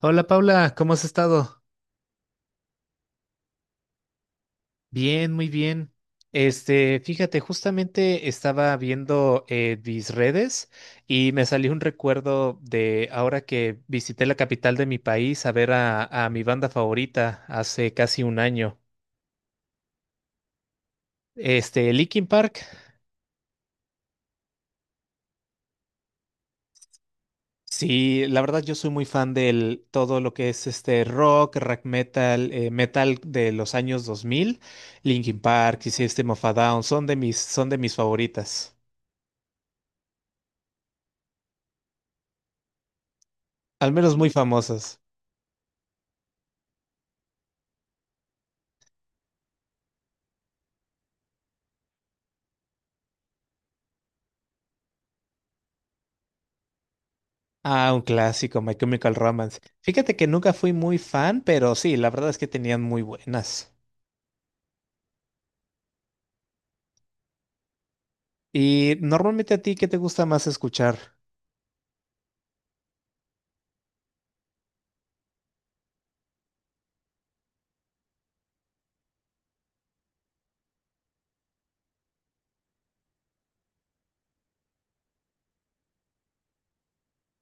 Hola Paula, ¿cómo has estado? Bien, muy bien. Fíjate, justamente estaba viendo mis redes y me salió un recuerdo de ahora que visité la capital de mi país a ver a mi banda favorita hace casi un año. Linkin Park. Sí, la verdad yo soy muy fan del todo lo que es este rock, rock metal, metal de los años 2000. Linkin Park y System of a Down son de mis favoritas. Al menos muy famosos. Ah, un clásico, My Chemical Romance. Fíjate que nunca fui muy fan, pero sí, la verdad es que tenían muy buenas. Y normalmente a ti, ¿qué te gusta más escuchar?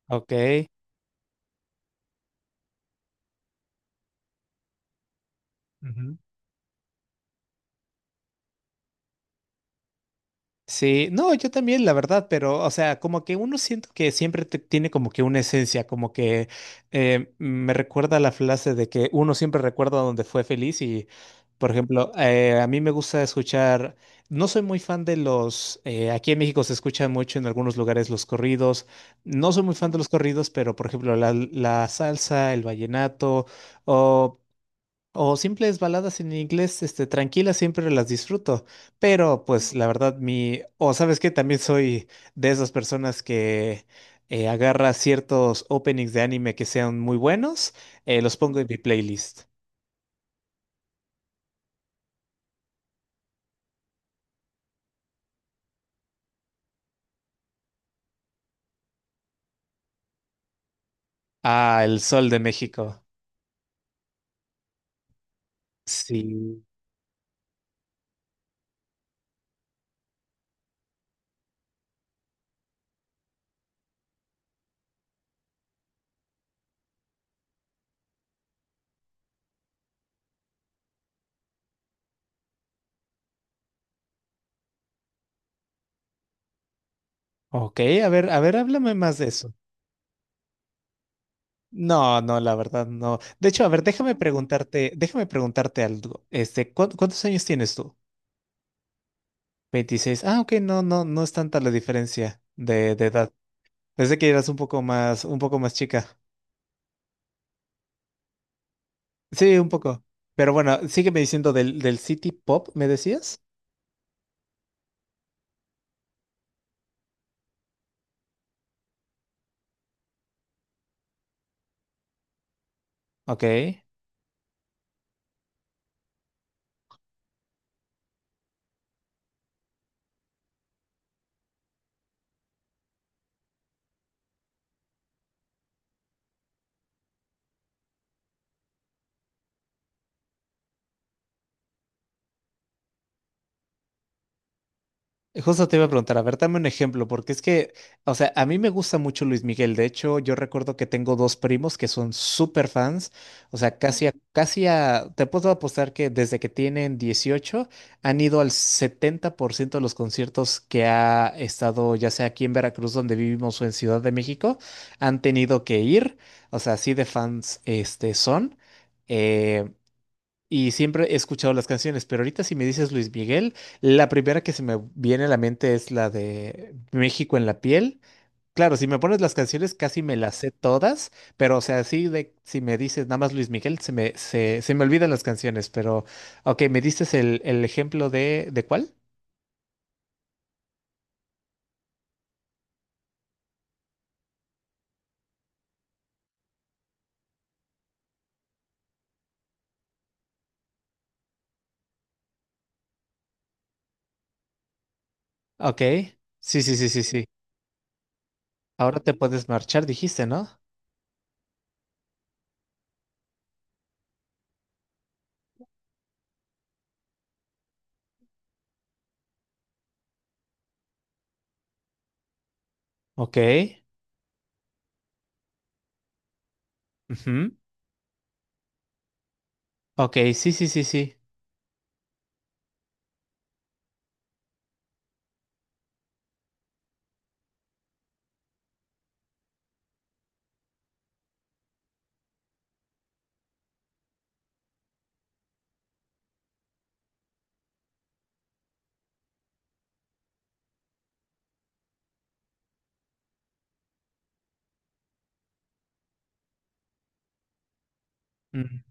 Ok. Ujú. Sí, no, yo también, la verdad, pero, o sea, como que uno siento que siempre tiene como que una esencia, como que me recuerda la frase de que uno siempre recuerda donde fue feliz y, por ejemplo, a mí me gusta escuchar, no soy muy fan de los, aquí en México se escuchan mucho en algunos lugares los corridos, no soy muy fan de los corridos, pero, por ejemplo, la salsa, el vallenato, o simples baladas en inglés, tranquilas, siempre las disfruto. Pero, pues, la verdad, mi. O sabes que también soy de esas personas que agarra ciertos openings de anime que sean muy buenos, los pongo en mi playlist. Ah, El Sol de México. Sí. Ok, a ver, háblame más de eso. No, no, la verdad, no. De hecho, a ver, déjame preguntarte algo. ¿Cuántos años tienes tú? 26. Ah, ok, no, no, no es tanta la diferencia de edad. Pensé que eras un poco más chica. Sí, un poco. Pero bueno, sígueme diciendo del City Pop, ¿me decías? Ok. Justo te iba a preguntar, a ver, dame un ejemplo, porque es que, o sea, a mí me gusta mucho Luis Miguel. De hecho, yo recuerdo que tengo dos primos que son súper fans. O sea, casi a, te puedo apostar que desde que tienen 18 han ido al 70% de los conciertos que ha estado, ya sea aquí en Veracruz, donde vivimos, o en Ciudad de México, han tenido que ir. O sea, así de fans, son. eh, y siempre he escuchado las canciones, pero ahorita si me dices Luis Miguel, la primera que se me viene a la mente es la de México en la piel. Claro, si me pones las canciones casi me las sé todas, pero o sea, así de si me dices nada más Luis Miguel, se me olvidan las canciones, pero ok, me dices el ejemplo ¿de cuál? Ok, sí, sí, sí, sí, sí. Ahora te puedes marchar, dijiste, ¿no? Ok, ujú, ok, sí, sí, sí, sí. Mm.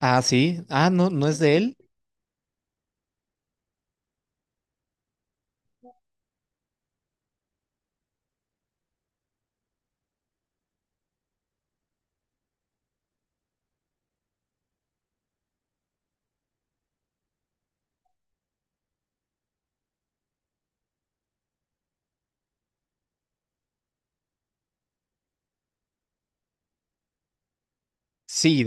Ah, sí, ah, no, no es de él. Sí,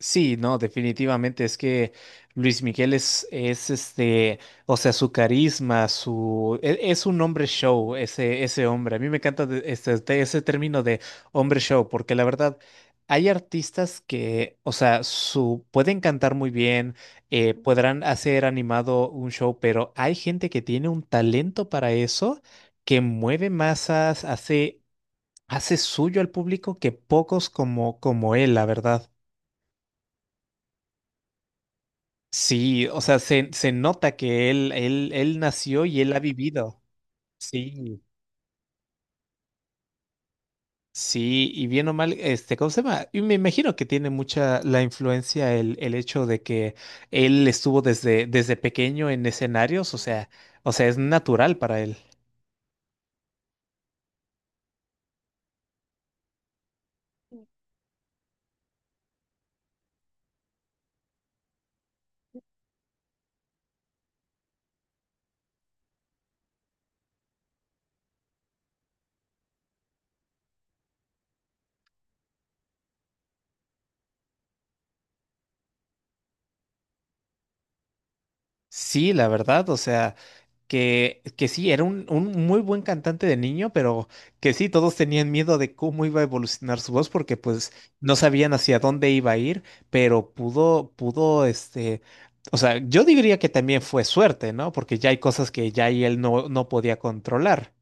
sí, no, definitivamente es que Luis Miguel es o sea, su carisma, es, un hombre show, ese hombre. A mí me encanta de ese término de hombre show, porque la verdad, hay artistas que, o sea, pueden cantar muy bien, podrán hacer animado un show, pero hay gente que tiene un talento para eso, que mueve masas, hace suyo al público que pocos como él, la verdad. Sí, o sea, se nota que él nació y él ha vivido. Sí, sí, y bien o mal, ¿cómo se llama? Y me imagino que tiene mucha la influencia el hecho de que él estuvo desde pequeño en escenarios, o sea, es natural para él. Sí, la verdad, o sea. Que sí, era un muy buen cantante de niño, pero que sí, todos tenían miedo de cómo iba a evolucionar su voz, porque pues no sabían hacia dónde iba a ir, pero o sea, yo diría que también fue suerte, ¿no? Porque ya hay cosas que ya y él no, no podía controlar,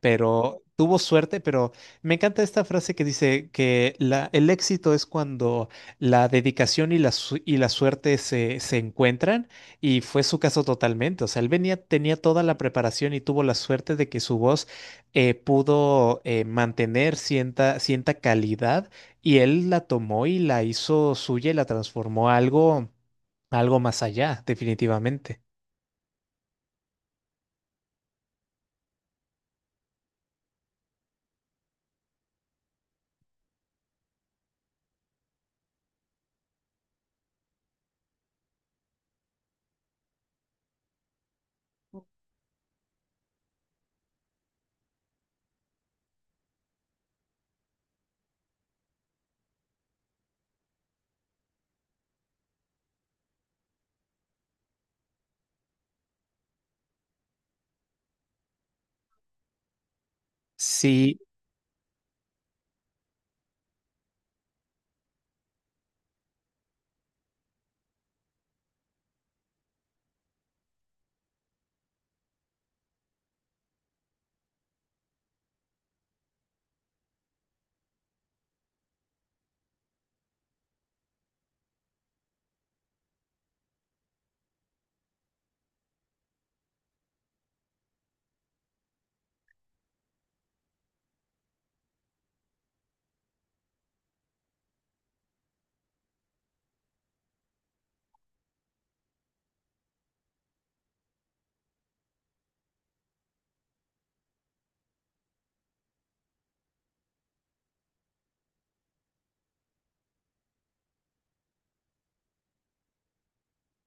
pero tuvo suerte, pero me encanta esta frase que dice que el éxito es cuando la dedicación y la suerte se encuentran. Y fue su caso totalmente. O sea, él venía, tenía toda la preparación y tuvo la suerte de que su voz pudo mantener cierta calidad y él la tomó y la hizo suya y la transformó a algo, más allá, definitivamente. Sí,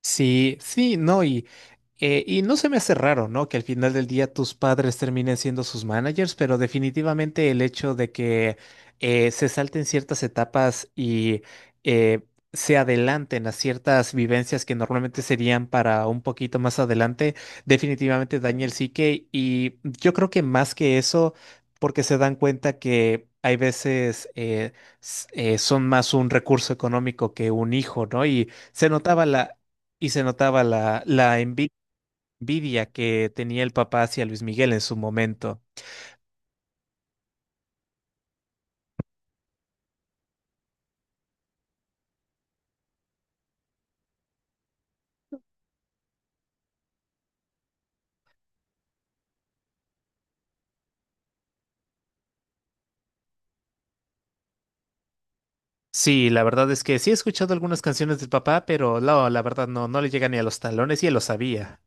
sí, sí, no, y no se me hace raro, ¿no? Que al final del día tus padres terminen siendo sus managers, pero definitivamente el hecho de que se salten ciertas etapas y eh, se adelanten a ciertas vivencias que normalmente serían para un poquito más adelante, definitivamente daña el psique. Y yo creo que más que eso, porque se dan cuenta que hay veces son más un recurso económico que un hijo, ¿no? Y se notaba la envidia que tenía el papá hacia Luis Miguel en su momento. Sí, la verdad es que sí he escuchado algunas canciones del papá, pero no, la verdad no, no le llega ni a los talones y él lo sabía.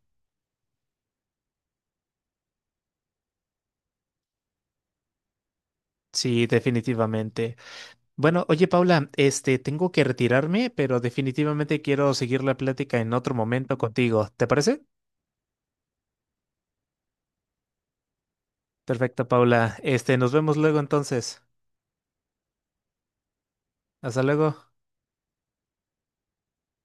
Sí, definitivamente. Bueno, oye Paula, tengo que retirarme, pero definitivamente quiero seguir la plática en otro momento contigo. ¿Te parece? Perfecto, Paula. Nos vemos luego entonces. Hasta luego.